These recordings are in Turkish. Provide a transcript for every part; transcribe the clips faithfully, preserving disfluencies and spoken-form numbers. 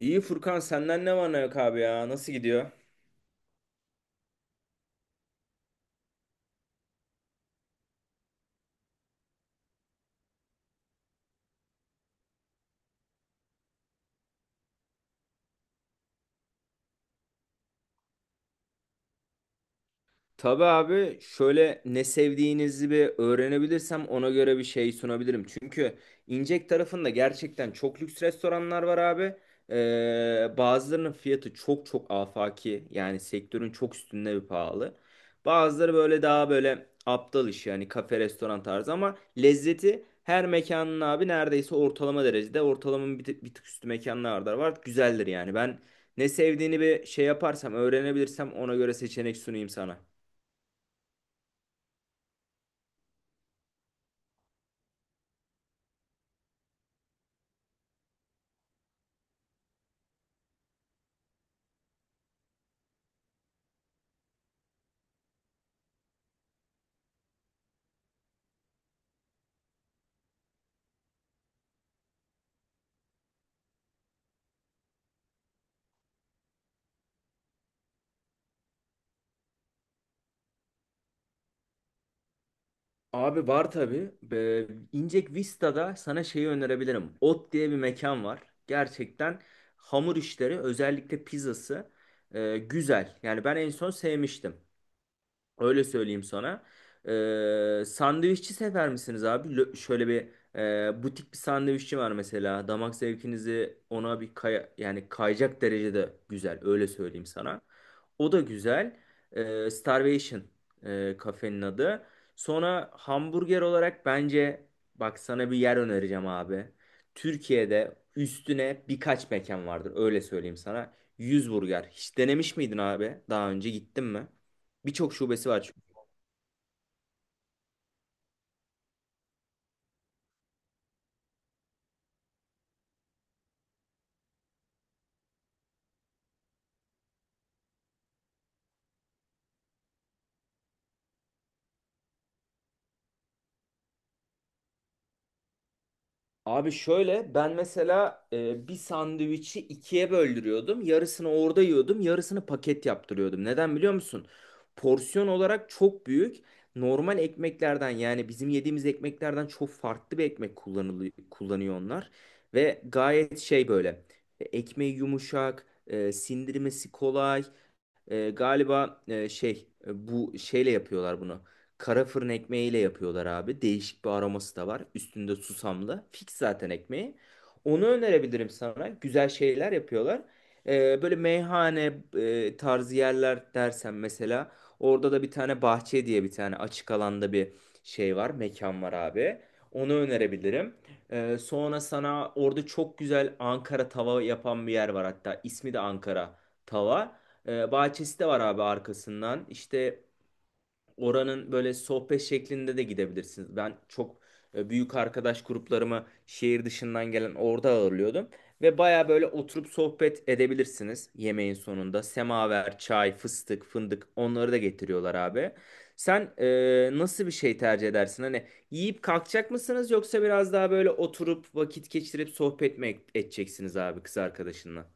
İyi Furkan senden ne var ne yok abi ya? Nasıl gidiyor? Tabii abi şöyle ne sevdiğinizi bir öğrenebilirsem ona göre bir şey sunabilirim. Çünkü İncek tarafında gerçekten çok lüks restoranlar var abi. Ee, bazılarının fiyatı çok çok afaki, yani sektörün çok üstünde bir pahalı. Bazıları böyle daha böyle aptal iş, yani kafe restoran tarzı, ama lezzeti her mekanın abi neredeyse ortalama derecede, ortalamanın bir, tık- bir tık üstü mekanlarda var. Güzeldir yani. Ben ne sevdiğini bir şey yaparsam öğrenebilirsem ona göre seçenek sunayım sana. Abi var tabii. Be- İncek Vista'da sana şeyi önerebilirim. Ot diye bir mekan var. Gerçekten hamur işleri, özellikle pizzası e, güzel. Yani ben en son sevmiştim. Öyle söyleyeyim sana. Ee, sandviççi sever misiniz abi? Lö- şöyle bir e, butik bir sandviççi var mesela. Damak zevkinizi ona bir kaya, yani kayacak derecede güzel. Öyle söyleyeyim sana. O da güzel. Ee, Starvation e, kafenin adı. Sonra hamburger olarak, bence bak sana bir yer önereceğim abi. Türkiye'de üstüne birkaç mekan vardır. Öyle söyleyeyim sana. Yüz Burger. Hiç denemiş miydin abi? Daha önce gittin mi? Birçok şubesi var çünkü. Abi şöyle, ben mesela e, bir sandviçi ikiye böldürüyordum. Yarısını orada yiyordum, yarısını paket yaptırıyordum. Neden biliyor musun? Porsiyon olarak çok büyük. Normal ekmeklerden, yani bizim yediğimiz ekmeklerden çok farklı bir ekmek kullanılıyor, kullanıyor onlar. Ve gayet şey böyle, e, ekmeği yumuşak, e, sindirmesi kolay. E, galiba e, şey, e, bu şeyle yapıyorlar bunu. Kara fırın ekmeğiyle yapıyorlar abi. Değişik bir aroması da var. Üstünde susamlı. Fix zaten ekmeği. Onu önerebilirim sana. Güzel şeyler yapıyorlar. E, böyle meyhane e, tarzı yerler dersen mesela, orada da bir tane bahçe diye bir tane açık alanda bir şey var. Mekan var abi. Onu önerebilirim. E, sonra sana orada çok güzel Ankara tava yapan bir yer var hatta. İsmi de Ankara tava. Ee, bahçesi de var abi arkasından. İşte oranın böyle sohbet şeklinde de gidebilirsiniz. Ben çok e, büyük arkadaş gruplarımı şehir dışından gelen orada ağırlıyordum. Ve baya böyle oturup sohbet edebilirsiniz yemeğin sonunda. Semaver, çay, fıstık, fındık, onları da getiriyorlar abi. Sen e, nasıl bir şey tercih edersin? Hani yiyip kalkacak mısınız, yoksa biraz daha böyle oturup vakit geçirip sohbet mi edeceksiniz abi kız arkadaşınla?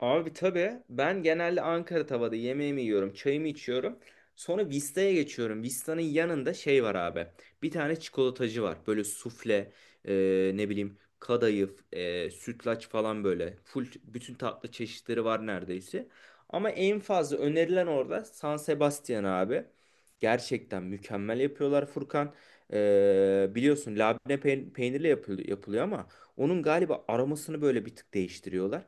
Abi tabii, ben genelde Ankara tavada yemeğimi yiyorum, çayımı içiyorum. Sonra Vista'ya geçiyorum. Vista'nın yanında şey var abi. Bir tane çikolatacı var. Böyle sufle, e, ne bileyim kadayıf, e, sütlaç falan böyle. Full bütün tatlı çeşitleri var neredeyse. Ama en fazla önerilen orada San Sebastian abi. Gerçekten mükemmel yapıyorlar Furkan. E, biliyorsun labne peyn- peynirle yapıl- yapılıyor, ama onun galiba aromasını böyle bir tık değiştiriyorlar.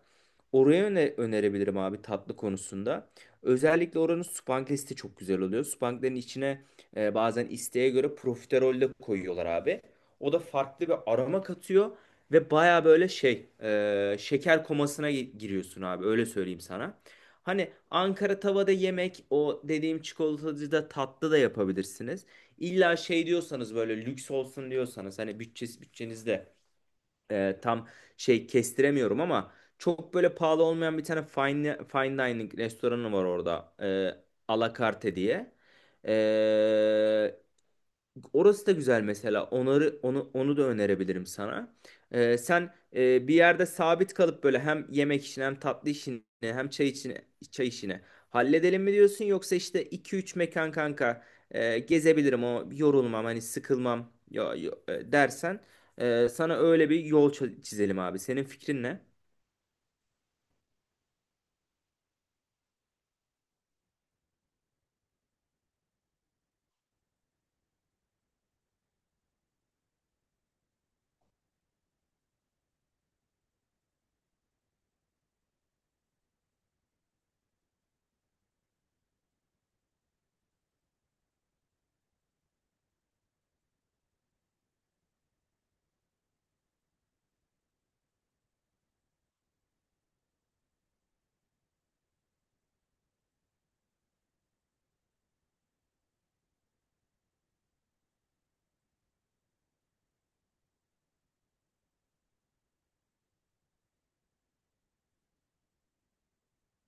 Oraya öne- önerebilirim abi tatlı konusunda. Özellikle oranın supanglesi çok güzel oluyor. Supanglerin içine e, bazen isteğe göre profiterol de koyuyorlar abi. O da farklı bir aroma katıyor ve baya böyle şey, e, şeker komasına gi- giriyorsun abi, öyle söyleyeyim sana. Hani Ankara tavada yemek, o dediğim çikolatacıda tatlı da yapabilirsiniz. İlla şey diyorsanız, böyle lüks olsun diyorsanız, hani bütçesi bütçenizde e, tam şey kestiremiyorum, ama çok böyle pahalı olmayan bir tane fine, fine dining restoranı var orada. E, Alakarte diye. E, Orası da güzel mesela. Onları onu onu da önerebilirim sana. Ee, sen e, bir yerde sabit kalıp böyle hem yemek işini, hem tatlı işini, hem çay işini çay işini halledelim mi diyorsun, yoksa işte iki üç mekan kanka e, gezebilirim, o yorulmam, hani sıkılmam, ya, ya- e, dersen e, sana öyle bir yol çi- çizelim abi. Senin fikrin ne?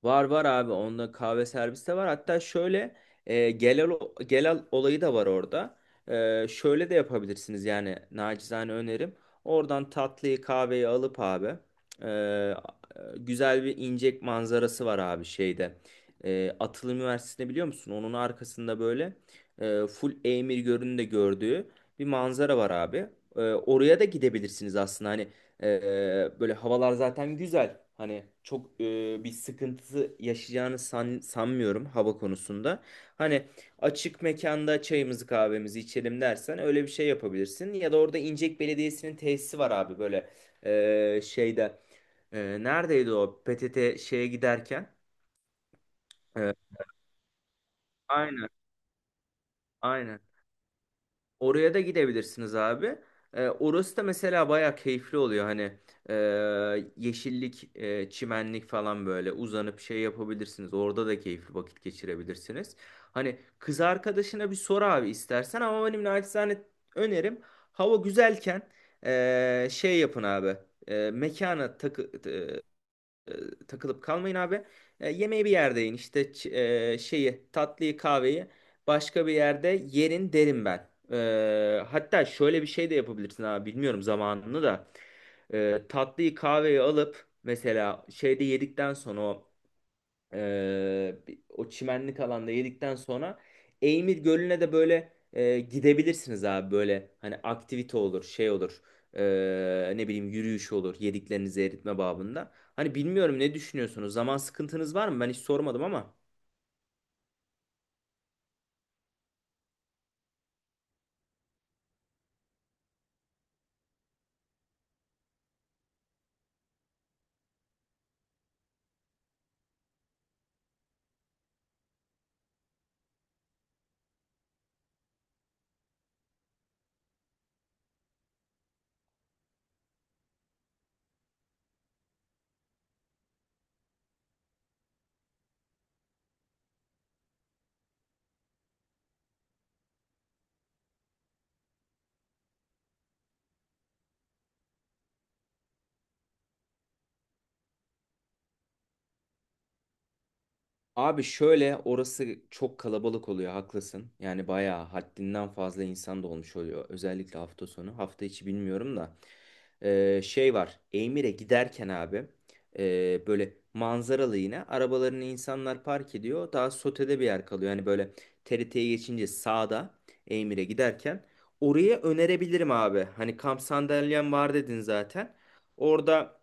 Var, var abi, onda kahve servisi de var. Hatta şöyle e, gelal, gelal olayı da var orada. E, şöyle de yapabilirsiniz yani, nacizane önerim. Oradan tatlıyı kahveyi alıp abi, e, güzel bir incek manzarası var abi şeyde. E, Atıl Üniversitesi'ni biliyor musun? Onun arkasında böyle e, full Eymir Gölü'nü de gördüğü bir manzara var abi. E, oraya da gidebilirsiniz aslında, hani ee, böyle havalar zaten güzel. Hani çok e, bir sıkıntısı yaşayacağını san- sanmıyorum hava konusunda. Hani açık mekanda çayımızı kahvemizi içelim dersen öyle bir şey yapabilirsin. Ya da orada İncek Belediyesi'nin tesisi var abi, böyle e, şeyde. E, neredeydi o P T T şeye giderken? E, aynen aynen. Oraya da gidebilirsiniz abi. Ee, orası da mesela bayağı keyifli oluyor. Hani e, yeşillik, e, çimenlik falan, böyle uzanıp şey yapabilirsiniz. Orada da keyifli vakit geçirebilirsiniz. Hani kız arkadaşına bir sor abi istersen, ama benim naçizane önerim, hava güzelken e, şey yapın abi. E, mekana takı, e, takılıp kalmayın abi. E, yemeği bir yerde yiyin. İşte ç- e, şeyi, tatlıyı, kahveyi başka bir yerde yerin derim ben. E, hatta şöyle bir şey de yapabilirsin abi. Bilmiyorum zamanını da. E, tatlıyı, kahveyi alıp mesela şeyde yedikten sonra, o ee, o çimenlik alanda yedikten sonra Eymir Gölü'ne de böyle e, gidebilirsiniz abi, böyle hani aktivite olur, şey olur. Ee, ne bileyim, yürüyüş olur, yediklerinizi eritme babında. Hani bilmiyorum, ne düşünüyorsunuz, zaman sıkıntınız var mı, ben hiç sormadım ama. Abi şöyle, orası çok kalabalık oluyor, haklısın. Yani bayağı haddinden fazla insan da olmuş oluyor. Özellikle hafta sonu. Hafta içi bilmiyorum da. Ee, şey var. Emir'e giderken abi ee, böyle manzaralı, yine arabalarını insanlar park ediyor. Daha sotede bir yer kalıyor. Yani böyle T R T'ye geçince sağda, Emir'e giderken, oraya önerebilirim abi. Hani kamp sandalyem var dedin zaten. Orada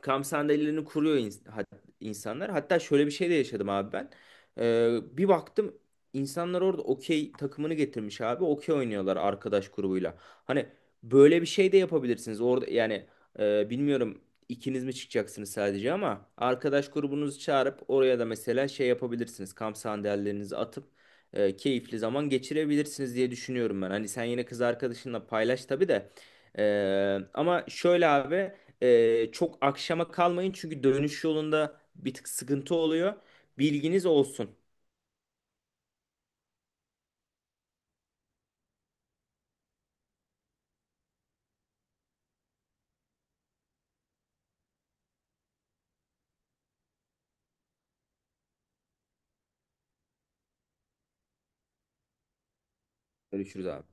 kamp sandalyelerini kuruyor ins- hat- insanlar. Hatta şöyle bir şey de yaşadım abi ben. Ee, bir baktım, insanlar orada okey takımını getirmiş abi. Okey oynuyorlar arkadaş grubuyla. Hani böyle bir şey de yapabilirsiniz. Orada yani, e, bilmiyorum ikiniz mi çıkacaksınız sadece, ama arkadaş grubunuzu çağırıp oraya da mesela şey yapabilirsiniz. Kamp sandalyelerinizi atıp e, keyifli zaman geçirebilirsiniz diye düşünüyorum ben. Hani sen yine kız arkadaşınla paylaş tabii de. Ee, ama şöyle abi. Ee, çok akşama kalmayın, çünkü dönüş yolunda bir tık sıkıntı oluyor. Bilginiz olsun. Görüşürüz abi.